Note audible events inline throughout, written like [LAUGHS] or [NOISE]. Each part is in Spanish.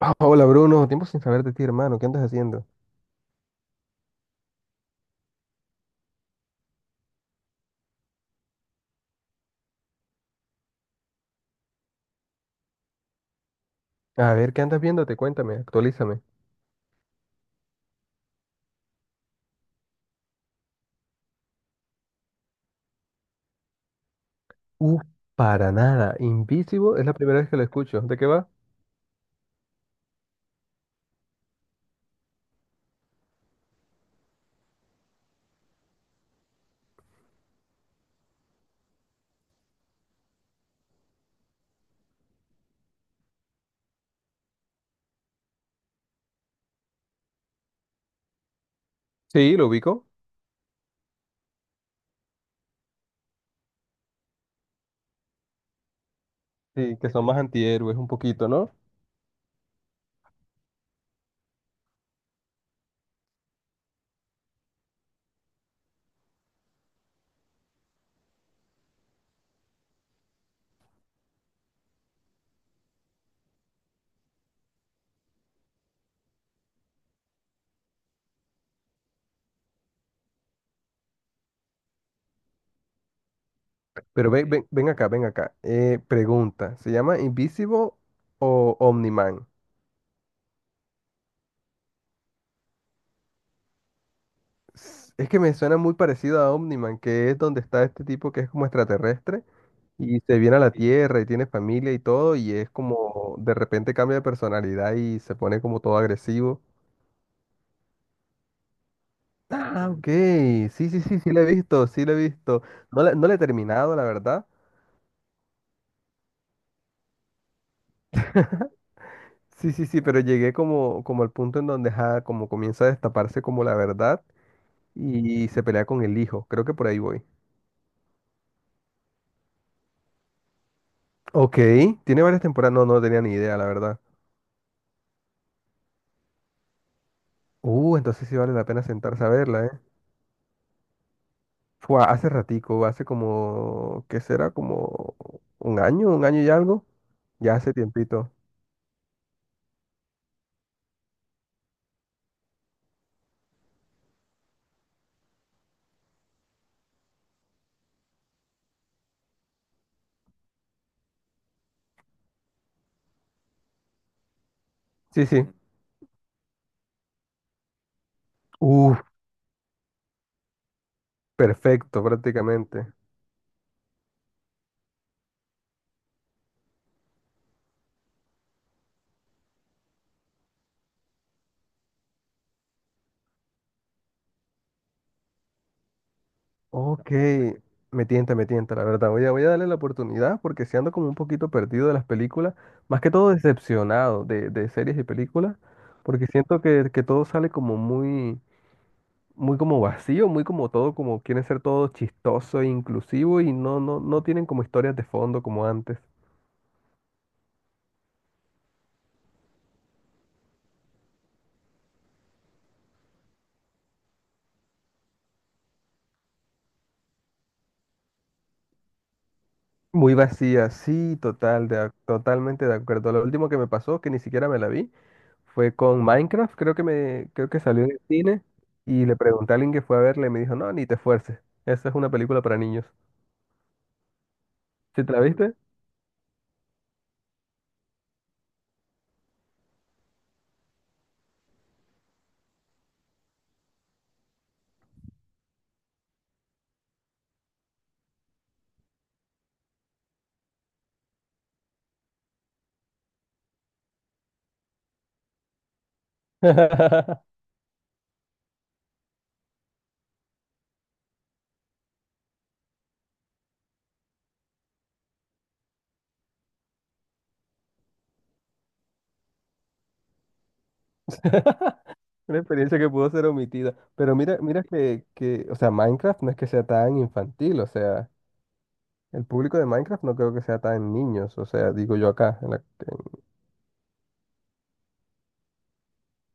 Hola Bruno, tiempo sin saber de ti, hermano. ¿Qué andas haciendo? A ver, ¿qué andas viéndote? Cuéntame, actualízame. Uh, para nada. Invisible es la primera vez que lo escucho. ¿De qué va? Sí, lo ubico. Sí, que son más antihéroes un poquito, ¿no? Pero ven, ven, ven acá, ven acá. Pregunta, ¿se llama Invisible o Omniman? Es que me suena muy parecido a Omniman, que es donde está este tipo que es como extraterrestre y se viene a la Tierra y tiene familia y todo y es como de repente cambia de personalidad y se pone como todo agresivo. Ah, ok. Sí, sí, sí, sí la he visto, sí la he visto. No la he terminado, la verdad. Sí, sí, sí, pero llegué como, como al punto en donde ajá, como comienza a destaparse como la verdad y se pelea con el hijo. Creo que por ahí voy. Ok, tiene varias temporadas. No, no tenía ni idea, la verdad. Entonces sí vale la pena sentarse a verla, ¿eh? Fue hace ratico, hace como, ¿qué será? Como un año y algo. Ya hace tiempito. Sí, sí. Uf, perfecto, prácticamente. Ok, me tienta, la verdad. Voy a darle la oportunidad porque si ando como un poquito perdido de las películas, más que todo decepcionado de series y películas, porque siento que todo sale como muy, muy como vacío, muy como todo, como quieren ser todo chistoso e inclusivo y no, no, no tienen como historias de fondo como antes. Muy vacía, sí, total, totalmente de acuerdo. Lo último que me pasó, que ni siquiera me la vi, fue con Minecraft, creo que me, creo que salió en el cine y le pregunté a alguien que fue a verla y me dijo, no, ni te esfuerces. Esa es una película para niños. ¿Sí te la viste? [LAUGHS] Una experiencia que pudo ser omitida. Pero mira, mira que, o sea, Minecraft no es que sea tan infantil, o sea, el público de Minecraft no creo que sea tan niños, o sea, digo yo acá. En-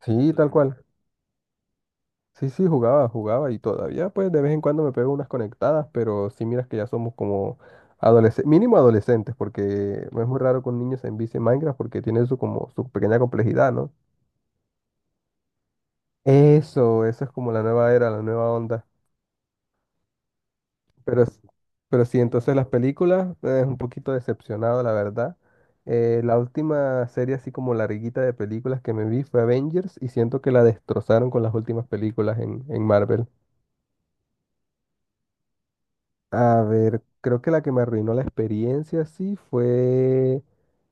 sí, tal cual. Sí, sí, jugaba, jugaba y todavía pues de vez en cuando me pego unas conectadas, pero sí miras que ya somos como adolescentes, mínimo adolescentes, porque no es muy raro que un niño se envicie en Minecraft porque tiene su como su pequeña complejidad, ¿no? Eso es como la nueva era, la nueva onda. Pero, s- pero sí, entonces las películas, es un poquito decepcionado, la verdad. La última serie así como larguita de películas que me vi fue Avengers y siento que la destrozaron con las últimas películas en Marvel. A ver, creo que la que me arruinó la experiencia, sí, fue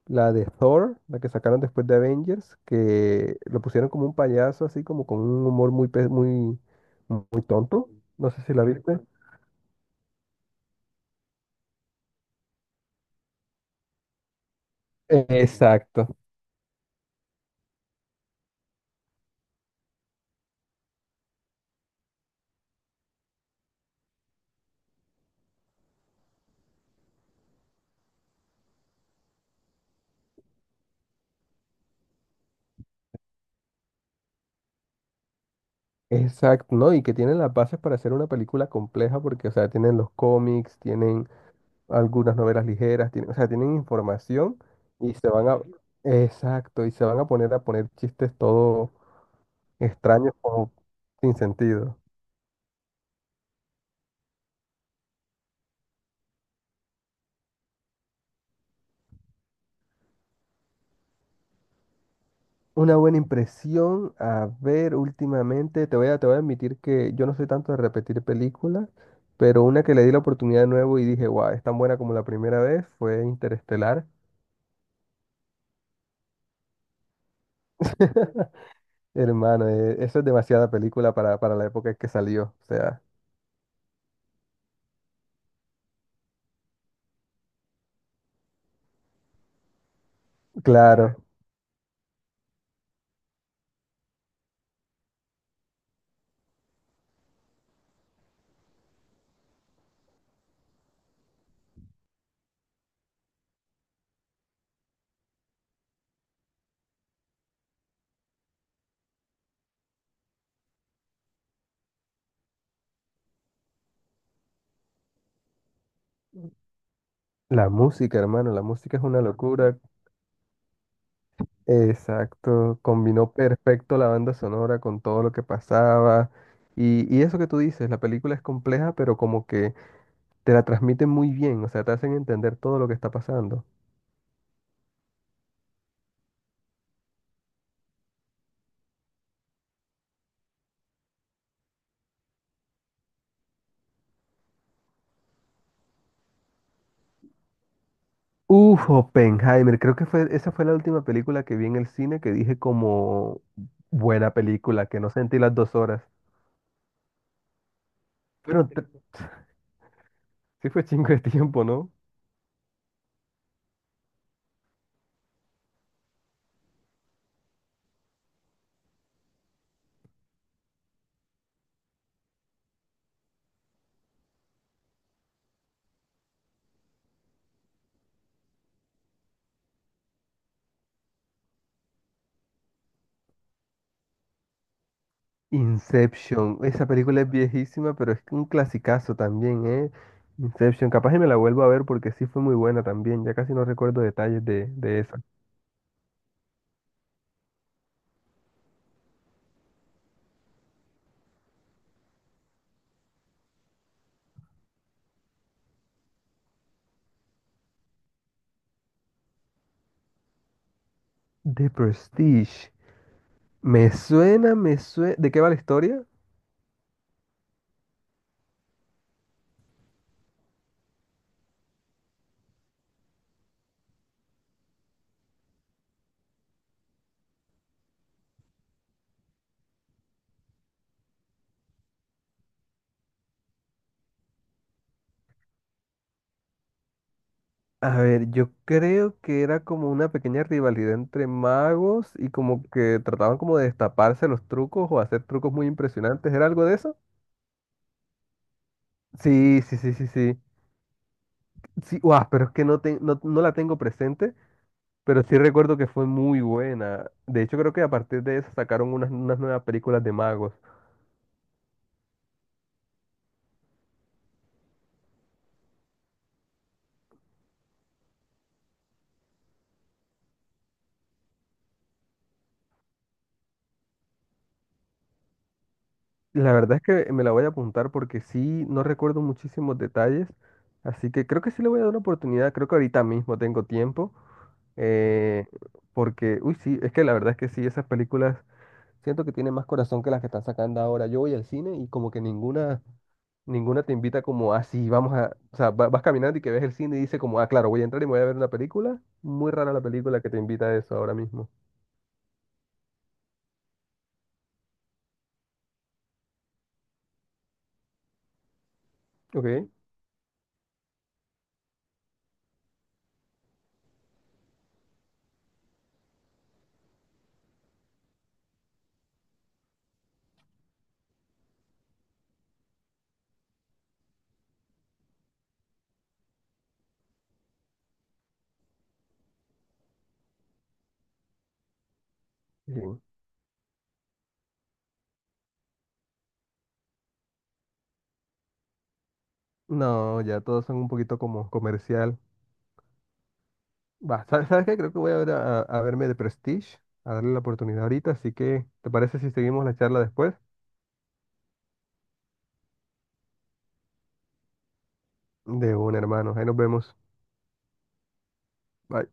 la de Thor, la que sacaron después de Avengers, que lo pusieron como un payaso, así como con un humor muy tonto. No sé si la viste. Exacto, exacto, ¿no? Y que tienen las bases para hacer una película compleja, porque, o sea, tienen los cómics, tienen algunas novelas ligeras, tienen, o sea, tienen información y se van a, exacto, y se van a poner chistes todo extraños o sin sentido. Una buena impresión, a ver, últimamente, te voy a admitir que yo no soy tanto de repetir películas, pero una que le di la oportunidad de nuevo y dije, wow, es tan buena como la primera vez, fue Interestelar. [LAUGHS] Hermano, eso es demasiada película para la época en que salió. O sea, claro, la música, hermano, la música es una locura. Exacto, combinó perfecto la banda sonora con todo lo que pasaba. Y eso que tú dices, la película es compleja, pero como que te la transmiten muy bien, o sea, te hacen entender todo lo que está pasando. Uf, Oppenheimer, creo que fue, esa fue la última película que vi en el cine que dije como buena película, que no sentí las dos horas. Pero te- sí fue chingo de tiempo, ¿no? Inception, esa película es viejísima, pero es un clasicazo también, ¿eh? Inception, capaz y me la vuelvo a ver porque sí fue muy buena también, ya casi no recuerdo detalles de esa. The Prestige, me suena, ¿de qué va la historia? A ver, yo creo que era como una pequeña rivalidad entre magos y como que trataban como de destaparse los trucos o hacer trucos muy impresionantes, ¿era algo de eso? Sí, sí, sí, sí, sí. Sí, guau, pero es que no, no, no la tengo presente, pero sí recuerdo que fue muy buena. De hecho, creo que a partir de eso sacaron unas, unas nuevas películas de magos. La verdad es que me la voy a apuntar porque sí, no recuerdo muchísimos detalles. Así que creo que sí le voy a dar una oportunidad. Creo que ahorita mismo tengo tiempo. eh, Porque, uy, sí, es que la verdad es que sí, esas películas siento que tienen más corazón que las que están sacando ahora. Yo voy al cine y como que ninguna te invita como así, vamos a, o sea, vas caminando y que ves el cine y dice como, ah, claro, voy a entrar y me voy a ver una película. Muy rara la película que te invita a eso ahora mismo. Ok. Sí. No, ya todos son un poquito como comercial. Va, ¿sabes, sabes qué? Creo que voy a ver a verme de Prestige, a darle la oportunidad ahorita, así que, ¿te parece si seguimos la charla después? De un hermano, ahí nos vemos. Bye.